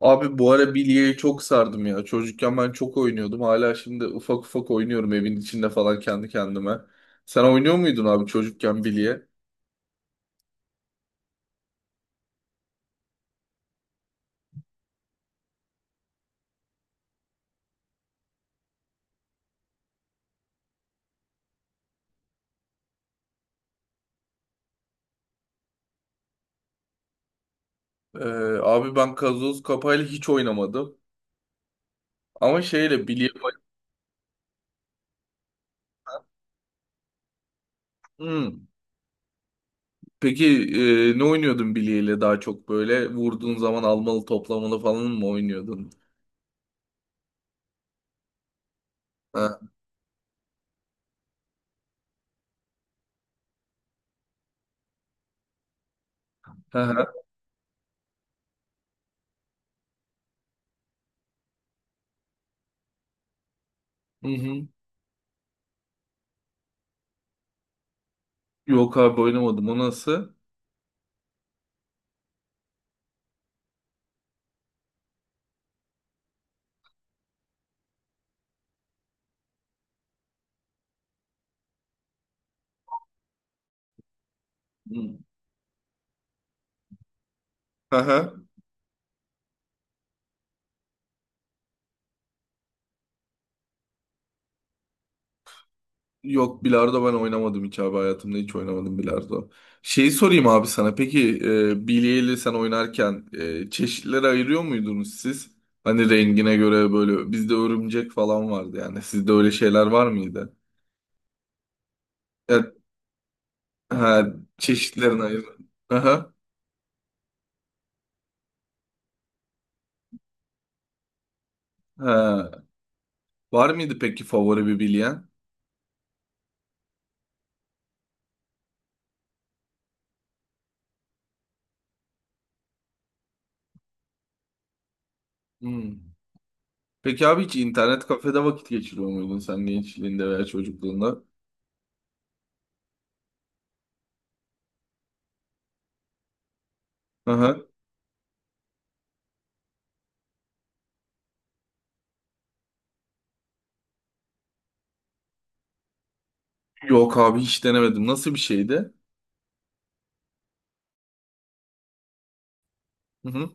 Abi bu ara bilyeyi çok sardım ya. Çocukken ben çok oynuyordum. Hala şimdi ufak ufak oynuyorum evin içinde falan kendi kendime. Sen oynuyor muydun abi çocukken bilye? Ee, abi ben gazoz kapağıyla hiç oynamadım. Ama şeyle bilye... Hmm. Peki ne oynuyordun bilyeyle daha çok böyle? Vurduğun zaman almalı toplamalı falan mı oynuyordun? Ha. Hı hı. Hı hı. Yok abi oynamadım. O nasıl? Hı. Hı hı. Yok bilardo ben oynamadım hiç abi hayatımda hiç oynamadım bilardo. Şeyi sorayım abi sana peki bilye sen oynarken çeşitlere ayırıyor muydunuz siz? Hani rengine göre böyle bizde örümcek falan vardı yani sizde öyle şeyler var mıydı? Evet, ha, çeşitlerini ayır. Aha, ha. Var mıydı peki favori bir bilyen? Hmm. Peki abi hiç internet kafede vakit geçiriyor muydun sen gençliğinde veya çocukluğunda? Aha. Yok abi hiç denemedim. Nasıl bir şeydi? Hı hı.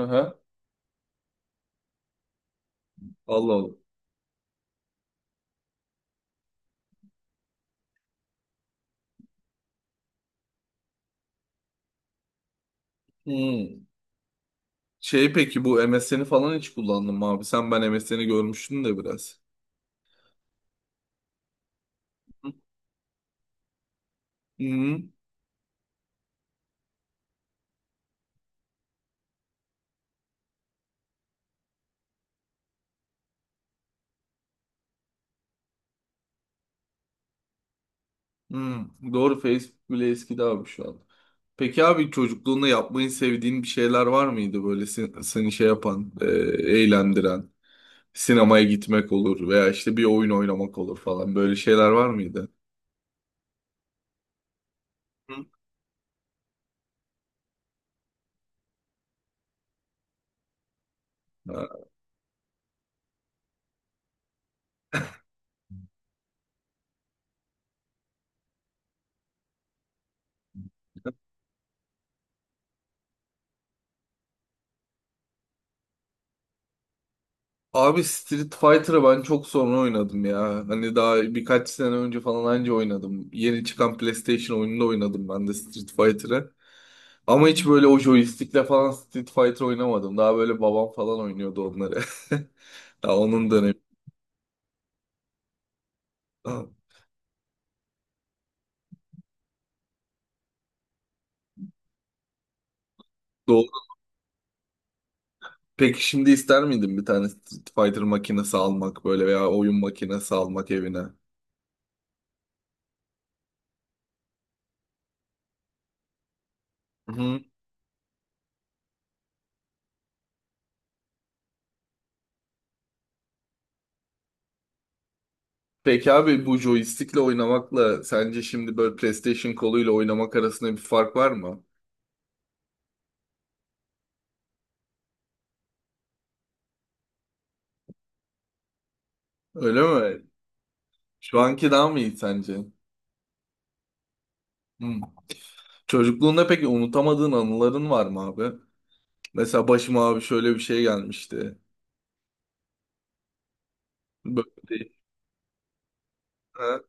Aha. Allah Allah. Hmm. Şey peki bu MSN'i falan hiç kullandın mı abi? Sen ben MSN'i görmüştün de biraz. Hmm. Hmm. Doğru Facebook bile eskidi abi şu an. Peki abi çocukluğunda yapmayı sevdiğin bir şeyler var mıydı böyle sen- seni şey yapan, eğlendiren? Sinemaya gitmek olur veya işte bir oyun oynamak olur falan. Böyle şeyler var mıydı? Hı. Ha. Abi Street Fighter'ı ben çok sonra oynadım ya. Hani daha birkaç sene önce falan anca oynadım. Yeni çıkan PlayStation oyununda oynadım ben de Street Fighter'ı. Ama hiç böyle o joystick'le falan Street Fighter oynamadım. Daha böyle babam falan oynuyordu onları. Daha onun dönemi. Ha, doğru. Peki şimdi ister miydin bir tane Street Fighter makinesi almak böyle veya oyun makinesi almak evine? Hı. Peki abi bu joystick'le oynamakla sence şimdi böyle PlayStation koluyla oynamak arasında bir fark var mı? Öyle mi? Şu anki daha mı iyi sence? Hı. Çocukluğunda peki unutamadığın anıların var mı abi? Mesela başıma abi şöyle bir şey gelmişti. Böyle değil. Ha?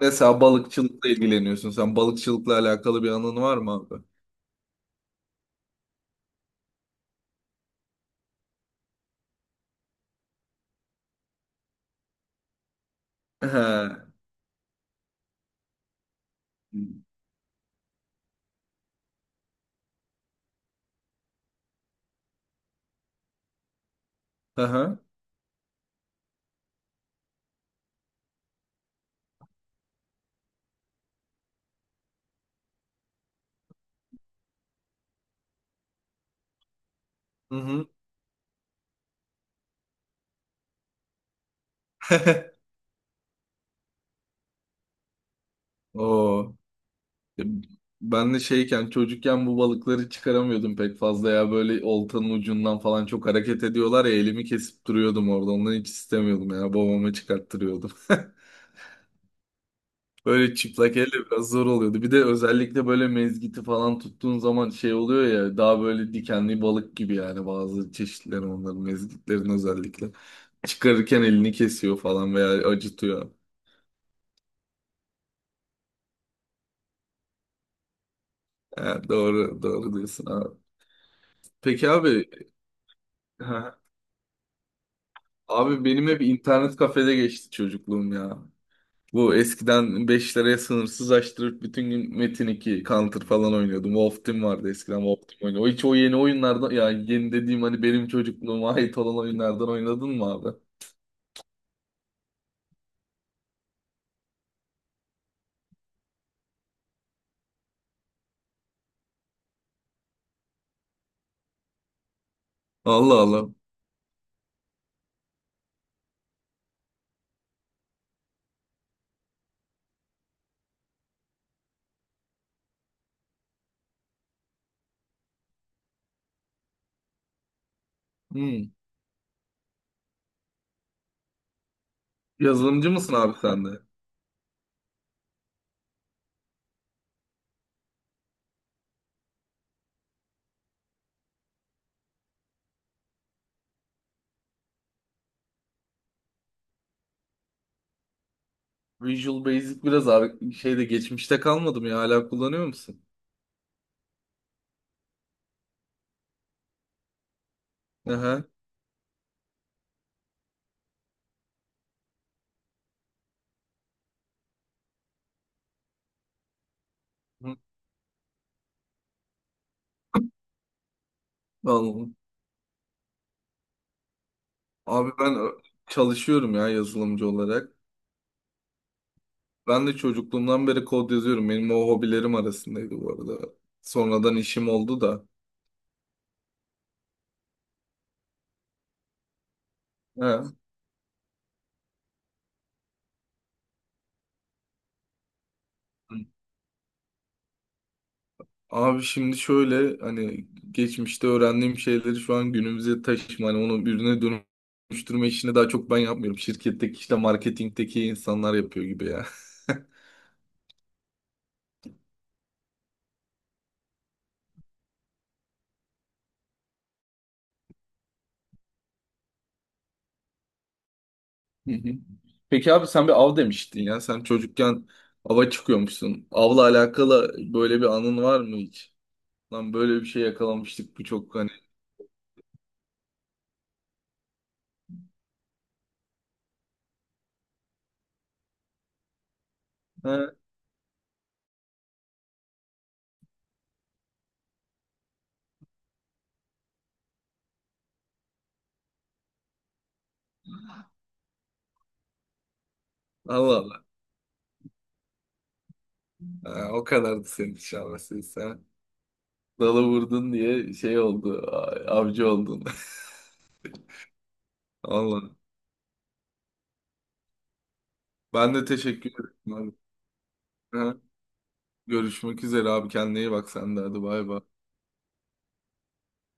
Mesela balıkçılıkla ilgileniyorsun. Sen balıkçılıkla alakalı bir anın var mı abi? He. Aha. Hı hı. Oo. E, Ben de şeyken çocukken bu balıkları çıkaramıyordum pek fazla ya böyle oltanın ucundan falan çok hareket ediyorlar ya elimi kesip duruyordum orada ondan hiç istemiyordum ya babama çıkarttırıyordum. Böyle çıplak elle biraz zor oluyordu. Bir de özellikle böyle mezgiti falan tuttuğun zaman şey oluyor ya daha böyle dikenli balık gibi yani bazı çeşitleri onların mezgitlerin özellikle. Çıkarırken elini kesiyor falan veya acıtıyor. Ha, doğru doğru diyorsun abi. Peki abi ha, abi benim hep internet kafede geçti çocukluğum ya. Bu eskiden 5 liraya sınırsız açtırıp bütün gün Metin 2, Counter falan oynuyordum. Wolf Team vardı eskiden Wolf Team oynuyor. O hiç o yeni oyunlardan ya yeni dediğim hani benim çocukluğuma ait olan oyunlardan oynadın mı abi? Allah Allah. Hmm. Yazılımcı mısın abi sen de? Visual Basic biraz abi şeyde geçmişte kalmadım ya hala kullanıyor musun? Aha. Hı. Vallahi. Abi ben çalışıyorum ya yazılımcı olarak. Ben de çocukluğumdan beri kod yazıyorum. Benim o hobilerim arasındaydı bu arada. Sonradan işim oldu da. He. Abi şimdi şöyle hani geçmişte öğrendiğim şeyleri şu an günümüze taşıma hani onu ürüne dönüştürme işini daha çok ben yapmıyorum. Şirketteki işte marketingteki insanlar yapıyor gibi ya. Hı hı. Peki abi sen bir av demiştin ya. Sen çocukken ava çıkıyormuşsun. Avla alakalı böyle bir anın var mı hiç? Lan böyle bir şey yakalamıştık. Bu çok hani. Ha, Allah Allah. Ha, o kadardı senin için ama sen dalı vurdun diye şey oldu. Avcı oldun. Allah. Ben de teşekkür ederim abi. Ha, görüşmek üzere abi. Kendine iyi bak sen de. Hadi bay bay.